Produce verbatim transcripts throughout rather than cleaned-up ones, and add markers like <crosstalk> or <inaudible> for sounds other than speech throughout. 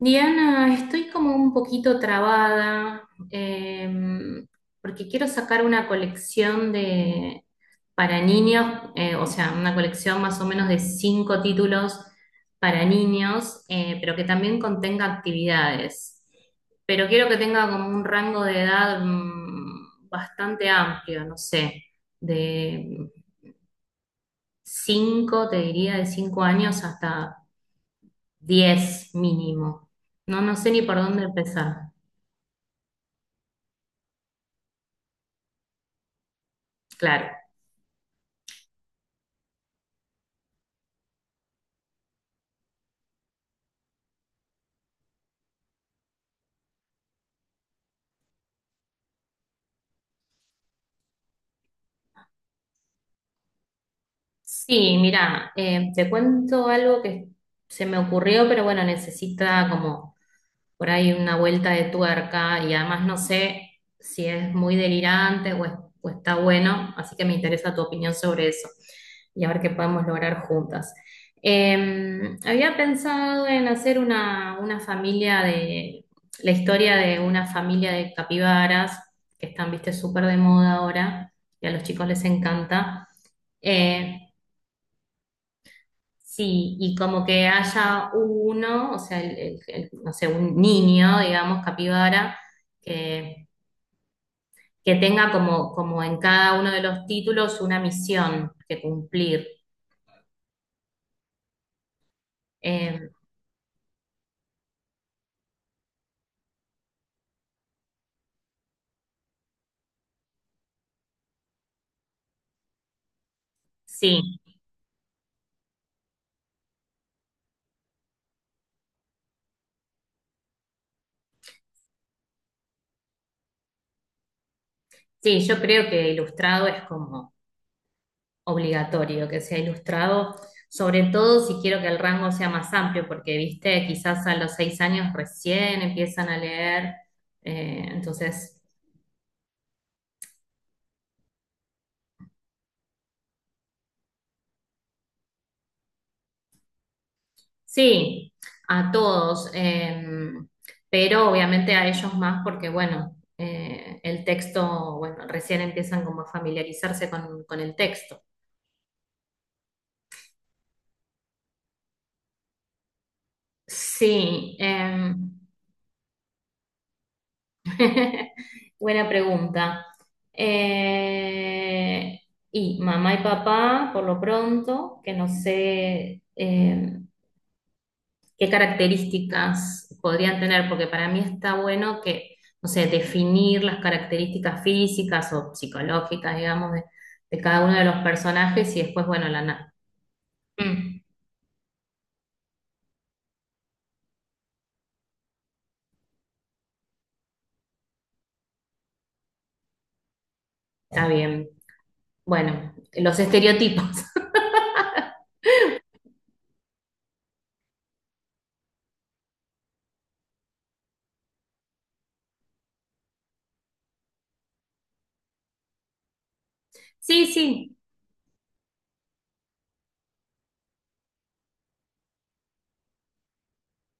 Diana, estoy como un poquito trabada em, Porque quiero sacar una colección de para niños, eh, o sea, una colección más o menos de cinco títulos para niños, eh, pero que también contenga actividades. Pero quiero que tenga como un rango de edad mm, bastante amplio, no sé, de cinco, te diría, de cinco años hasta diez mínimo. No, no sé ni por dónde empezar. Claro. Sí, mira, eh, te cuento algo que se me ocurrió, pero bueno, necesita como por ahí una vuelta de tuerca y además no sé si es muy delirante o, es- o está bueno, así que me interesa tu opinión sobre eso y a ver qué podemos lograr juntas. Eh, había pensado en hacer una, una familia de, la historia de una familia de capibaras que están, viste, súper de moda ahora y a los chicos les encanta. Eh, Sí, y como que haya uno, o sea, el- el- el, no sé, un niño, digamos, capibara, que, que tenga como, como en cada uno de los títulos una misión que cumplir. Eh, sí, sí, yo creo que ilustrado es como obligatorio que sea ilustrado, sobre todo si quiero que el rango sea más amplio, porque, viste, quizás a los seis años recién empiezan a leer, eh, entonces... Sí, a todos, eh, pero obviamente a ellos más porque, bueno, eh, el texto, bueno, recién empiezan como a familiarizarse con, con, el texto. Sí, eh, <laughs> buena pregunta. Eh, y mamá y papá, por lo pronto, que no sé, eh, qué características podrían tener, porque para mí está bueno que, no sé, definir las características físicas o psicológicas, digamos, de, de cada uno de los personajes y después, bueno, la... na- Mm, está bien. Bueno, los estereotipos. <laughs> Sí, sí,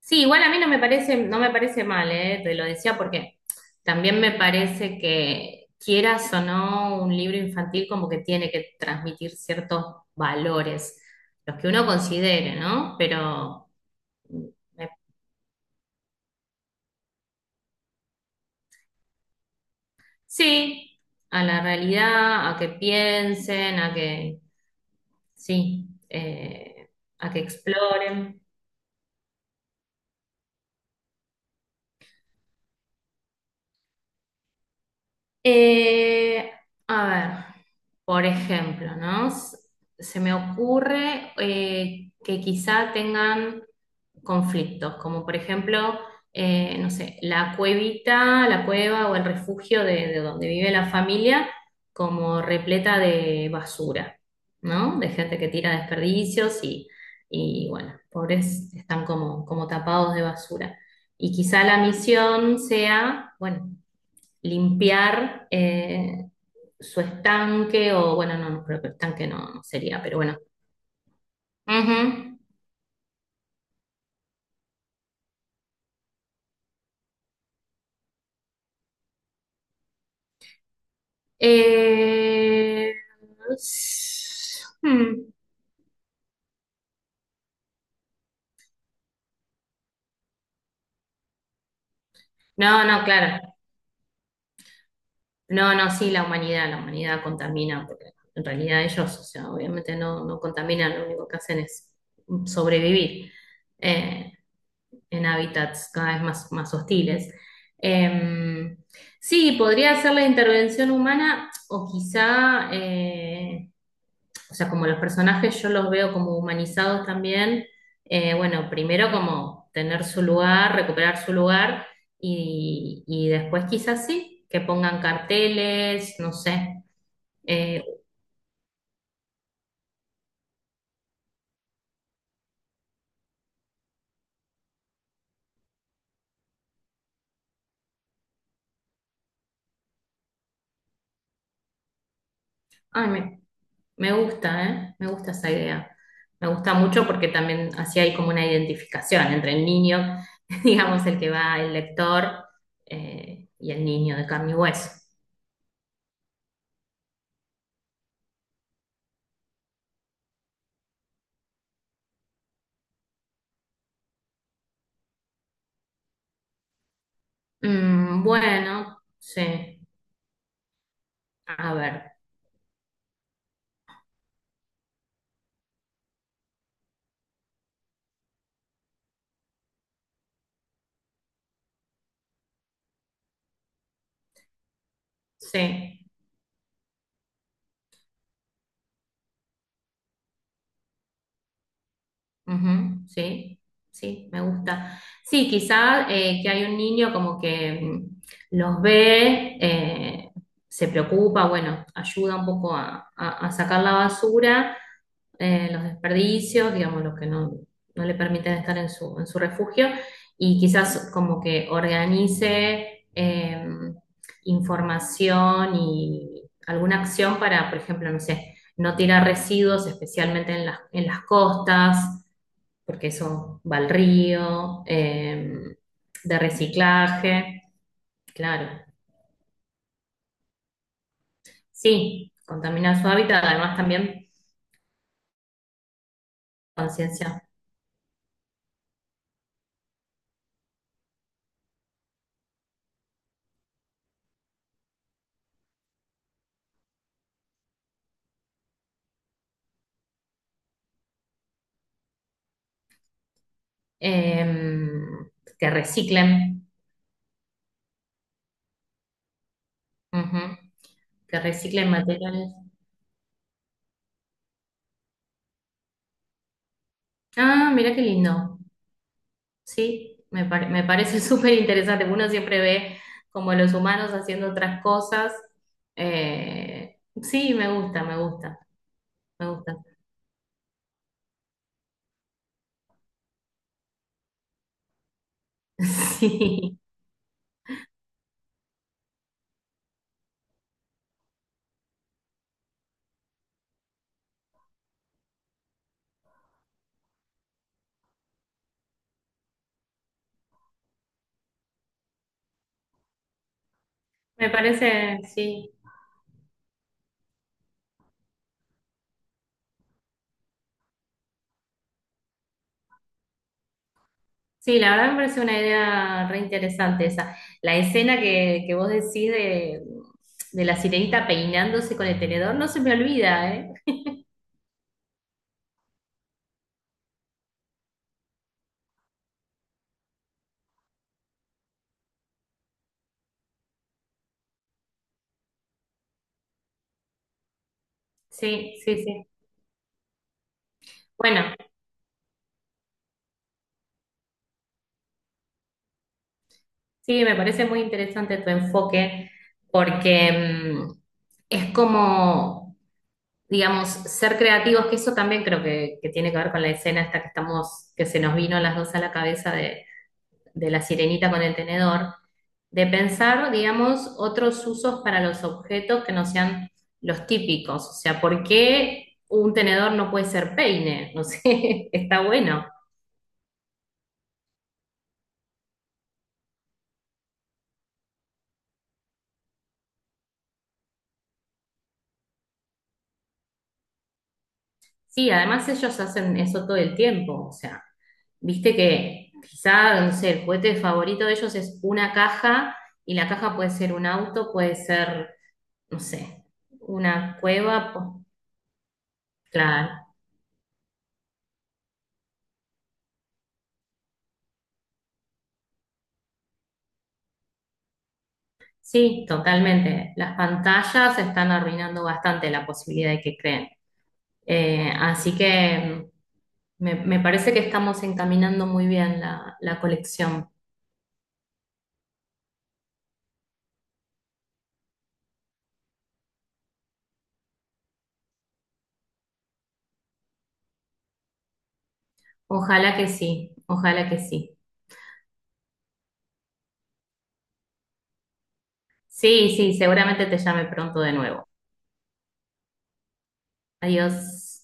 Sí, igual a mí no me parece, no me parece mal, ¿eh? Te lo decía porque también me parece que quieras o no, un libro infantil como que tiene que transmitir ciertos valores, los que uno considere, ¿no? Pero mm, me- sí, a la realidad, a que piensen, a que sí, eh, a que exploren. Eh, a ver, por ejemplo, ¿no? S- Se me ocurre eh, que quizá tengan conflictos, como por ejemplo, eh, no sé, la cuevita, la cueva o el refugio de, de, donde vive la familia, como repleta de basura, ¿no? De gente que tira desperdicios y, y bueno, pobres están como, como tapados de basura. Y quizá la misión sea, bueno, limpiar eh, su estanque, o bueno, no, no creo que estanque no, no sería, pero bueno. Ujú. Eh, s- hmm. No, no, claro. No, no, sí, la humanidad, la humanidad contamina, porque en realidad ellos, o sea, obviamente no, no contaminan, lo único que hacen es sobrevivir eh, en hábitats cada vez más, más hostiles. Em, sí, podría ser la intervención humana o quizá eh, o sea, como los personajes yo los veo como humanizados también, eh, bueno, primero como tener su lugar, recuperar su lugar y, y, después quizás sí, que pongan carteles, no sé. Eh, Ay, me, me gusta, ¿eh? Me gusta esa idea. Me gusta mucho porque también así hay como una identificación entre el niño, <laughs> digamos, el que va, el lector, eh, y el niño de carne y hueso. Mm, bueno, sí, a ver, sí. Ujú, sí, sí, me gusta. Sí, quizá eh, que hay un niño como que mm, los ve, eh, se preocupa, bueno, ayuda un poco a, a- a sacar la basura, eh, los desperdicios, digamos, los que no, no le permiten estar en su, en su, refugio, y quizás como que organice eh, información y alguna acción para, por ejemplo, no sé no tirar residuos, especialmente en las, en las costas, porque eso va al río, eh, de reciclaje, claro. Sí, contaminar su hábitat, además también conciencia, eh, que reciclen, ujú, que reciclen materiales. Ah, mira qué lindo. Sí, me, pare- me parece <laughs> súper interesante. Uno siempre ve como los humanos haciendo otras cosas. Eh, sí, me gusta, me gusta, me gusta. <laughs> Sí, me parece, sí. Sí, la verdad me parece una idea re interesante esa. La escena que, que vos decís de, de la sirenita peinándose con el tenedor no se me olvida, ¿eh? Sí, sí, sí. Bueno, sí, me parece muy interesante tu enfoque porque mm, es como, digamos, ser creativos, que eso también creo que, que tiene que ver con la escena esta que estamos, que se nos vino a las dos a la cabeza de, de la sirenita con el tenedor de pensar, digamos, otros usos para los objetos que no sean los típicos. O sea, ¿por qué un tenedor no puede ser peine? No sé, <laughs> está bueno. Sí, además ellos hacen eso todo el tiempo. O sea, viste que quizá, no sé, el juguete favorito de ellos es una caja y la caja puede ser un auto, puede ser, no sé, una cueva. po- Claro. Sí, totalmente. Las pantallas están arruinando bastante la posibilidad de que creen. Eh, así que me, me parece que estamos encaminando muy bien la, la, colección. Ojalá que sí, ojalá que sí. Sí, sí, seguramente te llame pronto de nuevo. Adiós.